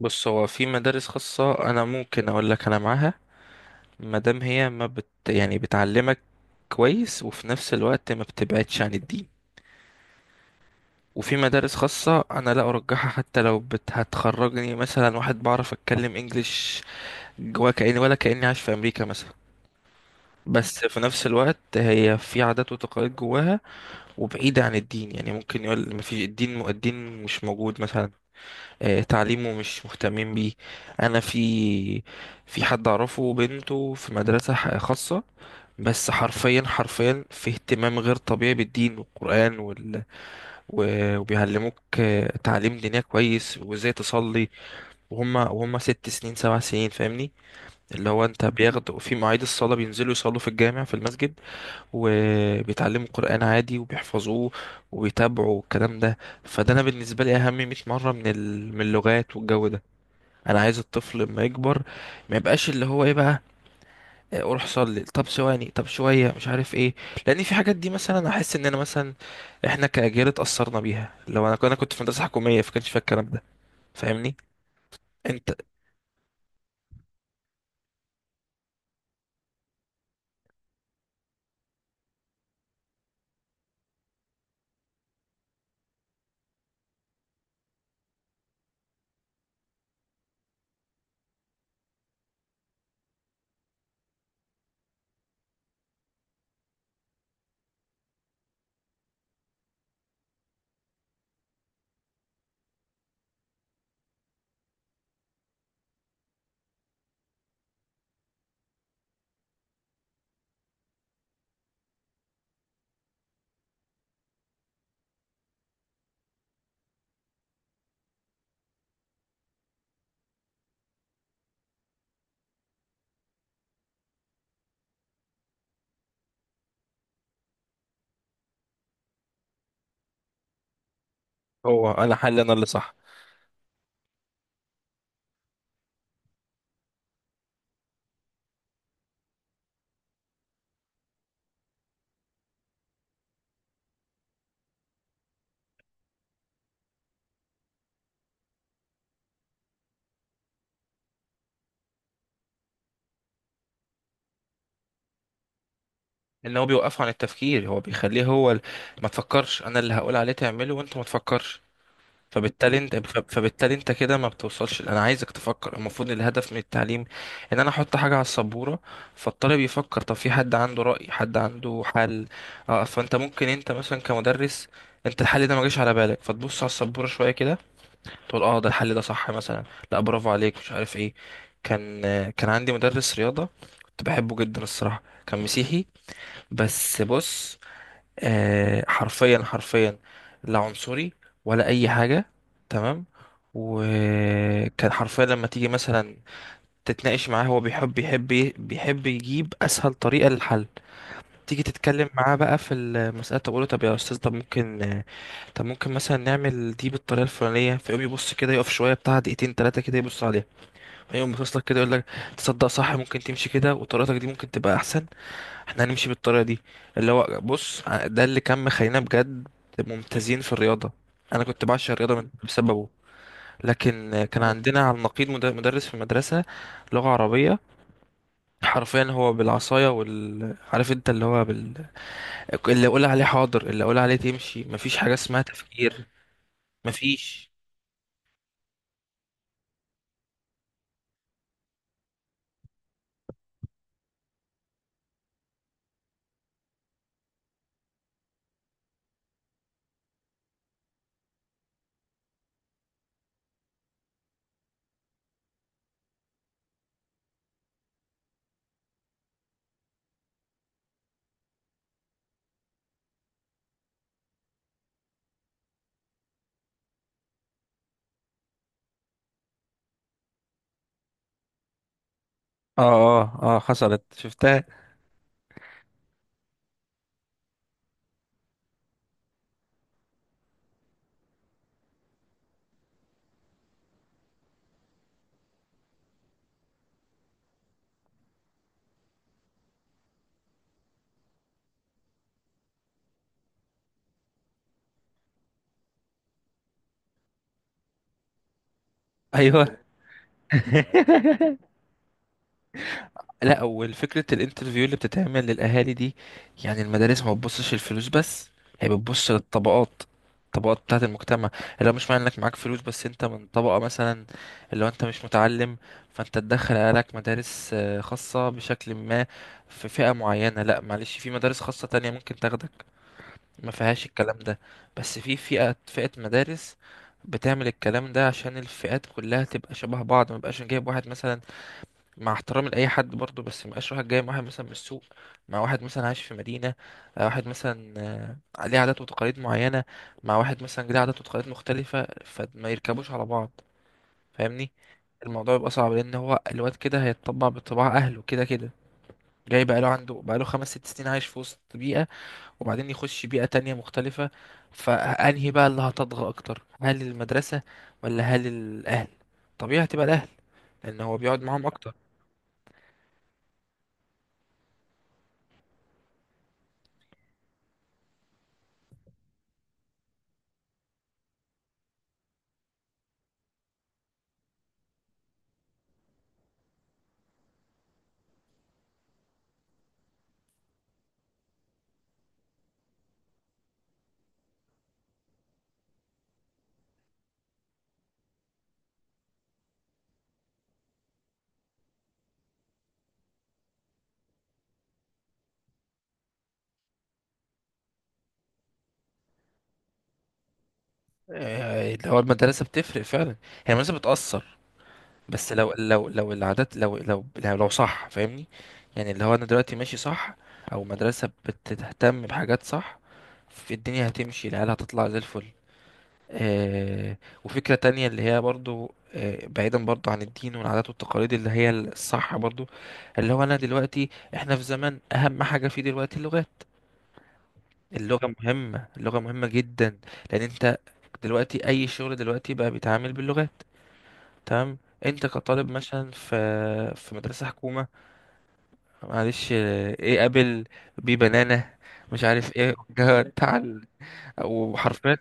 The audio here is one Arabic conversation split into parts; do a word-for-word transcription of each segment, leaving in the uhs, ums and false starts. بص، هو في مدارس خاصة أنا ممكن أقول لك أنا معاها. مادام هي ما بت يعني بتعلمك كويس، وفي نفس الوقت ما بتبعدش عن الدين. وفي مدارس خاصة أنا لا أرجحها، حتى لو بت هتخرجني مثلا واحد بعرف أتكلم إنجليش جوا، كأني ولا كأني عايش في أمريكا مثلا، بس في نفس الوقت هي في عادات وتقاليد جواها وبعيدة عن الدين. يعني ممكن يقول ما فيش الدين الدين مش موجود مثلا. آه، تعليمه مش مهتمين بيه. انا في في حد اعرفه بنته في مدرسة ح- خاصة، بس حرفيا حرفيا في اهتمام غير طبيعي بالدين والقرآن وال... و- وبيعلموك، آه، تعليم دينية كويس وازاي تصلي. وهم وهم ست سنين سبع سنين، فاهمني؟ اللي هو انت بياخدوا في مواعيد الصلاة بينزلوا يصلوا في الجامع في المسجد، وبيتعلموا قرآن عادي وبيحفظوه، وبيتابعوا الكلام ده. فده انا بالنسبة لي اهم 100 مرة من ال... من اللغات والجو ده. انا عايز الطفل لما يكبر ما يبقاش اللي هو ايه بقى، آه، روح صلي، طب ثواني، طب شويه، مش عارف ايه. لان في حاجات دي مثلا احس ان انا مثلا، احنا كاجيال اتاثرنا بيها. لو انا انا كنت في مدرسه حكوميه فكانش فيها الكلام ده، فاهمني انت. هو انا حل انا اللي صح. ان هو بيوقفه عن التفكير، هو بيخليه، هو ال- ما تفكرش، انا اللي هقول عليه تعمله وانت ما تفكرش. فبالتالي انت فب- فبالتالي انت كده ما بتوصلش، انا عايزك تفكر. المفروض الهدف من التعليم ان انا احط حاجه على السبوره فالطالب يفكر. طب في حد عنده راي، حد عنده حل. اه، فانت ممكن انت مثلا كمدرس، انت الحل ده ما جاش على بالك، فتبص على السبوره شويه كده، تقول اه ده الحل ده صح مثلا، لا، برافو عليك، مش عارف ايه. كان آه، كان عندي مدرس رياضه كنت بحبه جدا الصراحه، كان مسيحي، بس بص، آه، حرفيا حرفيا، لا عنصري ولا اي حاجه، تمام. وكان حرفيا لما تيجي مثلا تتناقش معاه، هو بيحب بيحب بيحب يجيب اسهل طريقه للحل. تيجي تتكلم معاه بقى في المساله، تقول له طب يا استاذ، طب ممكن طب ممكن مثلا نعمل دي بالطريقه الفلانيه، فيقوم يبص كده، يقف شويه بتاع دقيقتين ثلاثه كده يبص عليها، فيقوم باصص لك كده، يقول لك تصدق صح، ممكن تمشي كده وطريقتك دي ممكن تبقى احسن، احنا هنمشي بالطريقه دي. اللي هو بص، ده اللي كان مخلينا بجد ممتازين في الرياضه. انا كنت بعشق الرياضه من- بسببه. لكن كان مم. عندنا على النقيض مد- مدرس في المدرسه لغه عربيه. حرفيا هو بالعصايه وال عارف انت اللي هو بال... اللي اقول عليه حاضر، اللي اقول عليه تمشي، مفيش حاجه اسمها تفكير. مفيش. اه، اه، اه، حصلت شفتها. ايوه. لا، والفكرة الانترفيو اللي بتتعمل للأهالي دي، يعني المدارس ما بتبصش الفلوس بس، هي بتبص للطبقات، الطبقات بتاعة المجتمع. اللي هو مش معنى انك معاك فلوس بس، انت من طبقة مثلا اللي هو انت مش متعلم، فانت تدخل عيالك مدارس آه، خاصة بشكل ما، في فئة معينة. لا معلش، في مدارس خاصة تانية ممكن تاخدك ما فيهاش الكلام ده. بس في فئة فئة مدارس بتعمل الكلام ده عشان الفئات كلها تبقى شبه بعض، ما بقاش جايب واحد مثلا، مع احترامي لأي حد برضه، بس مبقاش واحد جاي مع واحد مثلا من السوق، مع واحد مثلا عايش في مدينة، آه، واحد مثلا، آه، ليه عادات وتقاليد معينة، مع واحد مثلا ليه عادات وتقاليد مختلفة، فما يركبوش على بعض، فاهمني. الموضوع يبقى صعب، لأن هو الواد كده هيتطبع بطباع أهله كده كده، جاي بقاله، عنده بقاله خمس ست سنين عايش في وسط بيئة، وبعدين يخش بيئة تانية مختلفة. فأنهي بقى اللي هتضغى أكتر، هل المدرسة ولا هل الأهل؟ طبيعي هتبقى الأهل، لأن هو بيقعد معاهم أكتر. آه، اللي هو المدرسة بتفرق فعلا، هي المدرسة بتأثر، بس لو لو لو العادات لو لو لو, لو صح، فاهمني؟ يعني اللي هو أنا دلوقتي ماشي صح، أو مدرسة بتهتم بحاجات صح في الدنيا، هتمشي العيال هتطلع زي الفل. آه. وفكرة تانية اللي هي برضو، آه، بعيدا برضو عن الدين والعادات والتقاليد اللي هي الصح برضو، اللي هو أنا دلوقتي، إحنا في زمن أهم حاجة فيه دلوقتي اللغات. اللغة مهمة اللغة مهمة جدا، لأن أنت دلوقتي أي شغل دلوقتي بقى بيتعامل باللغات، تمام. أنت كطالب مثلا في في مدرسة حكومة، معلش، إيه قابل بيه بنانا، مش عارف إيه، تعال. وحرفيا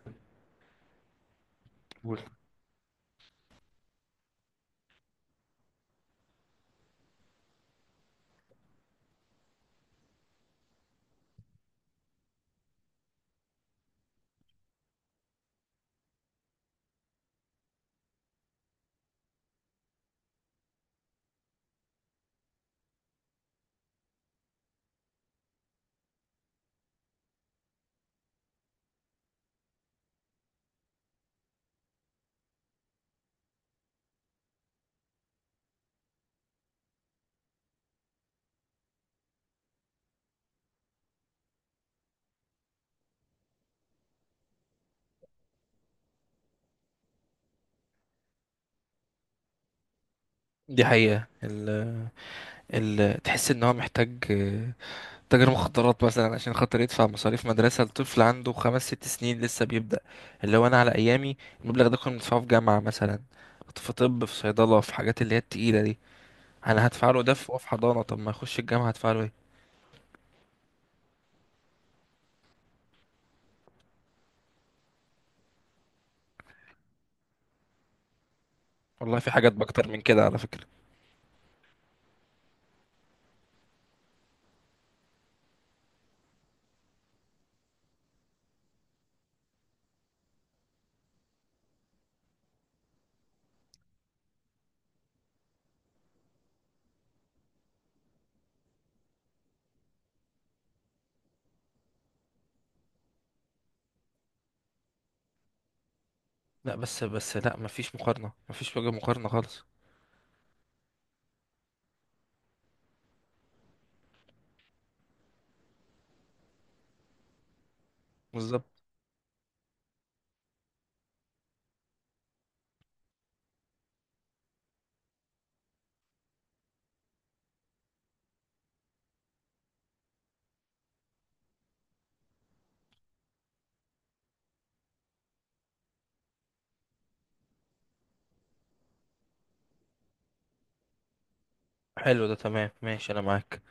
دي حقيقة، ال... ال... تحس إن هو محتاج تاجر مخدرات مثلا عشان خاطر يدفع مصاريف مدرسة لطفل عنده خمس ست سنين لسه بيبدأ. اللي هو أنا على أيامي، المبلغ ده كنا بندفعه في جامعة مثلا، في طب، في صيدلة، في حاجات اللي هي التقيلة دي. أنا هدفع له ده في هو في حضانة، طب ما يخش الجامعة هدفع له إيه؟ والله في حاجات بكتر من كده على فكرة. لا بس بس، لا مفيش مقارنة، مفيش وجه مقارنة خالص. بالظبط. حلو ده، تمام، ماشي، أنا معاك.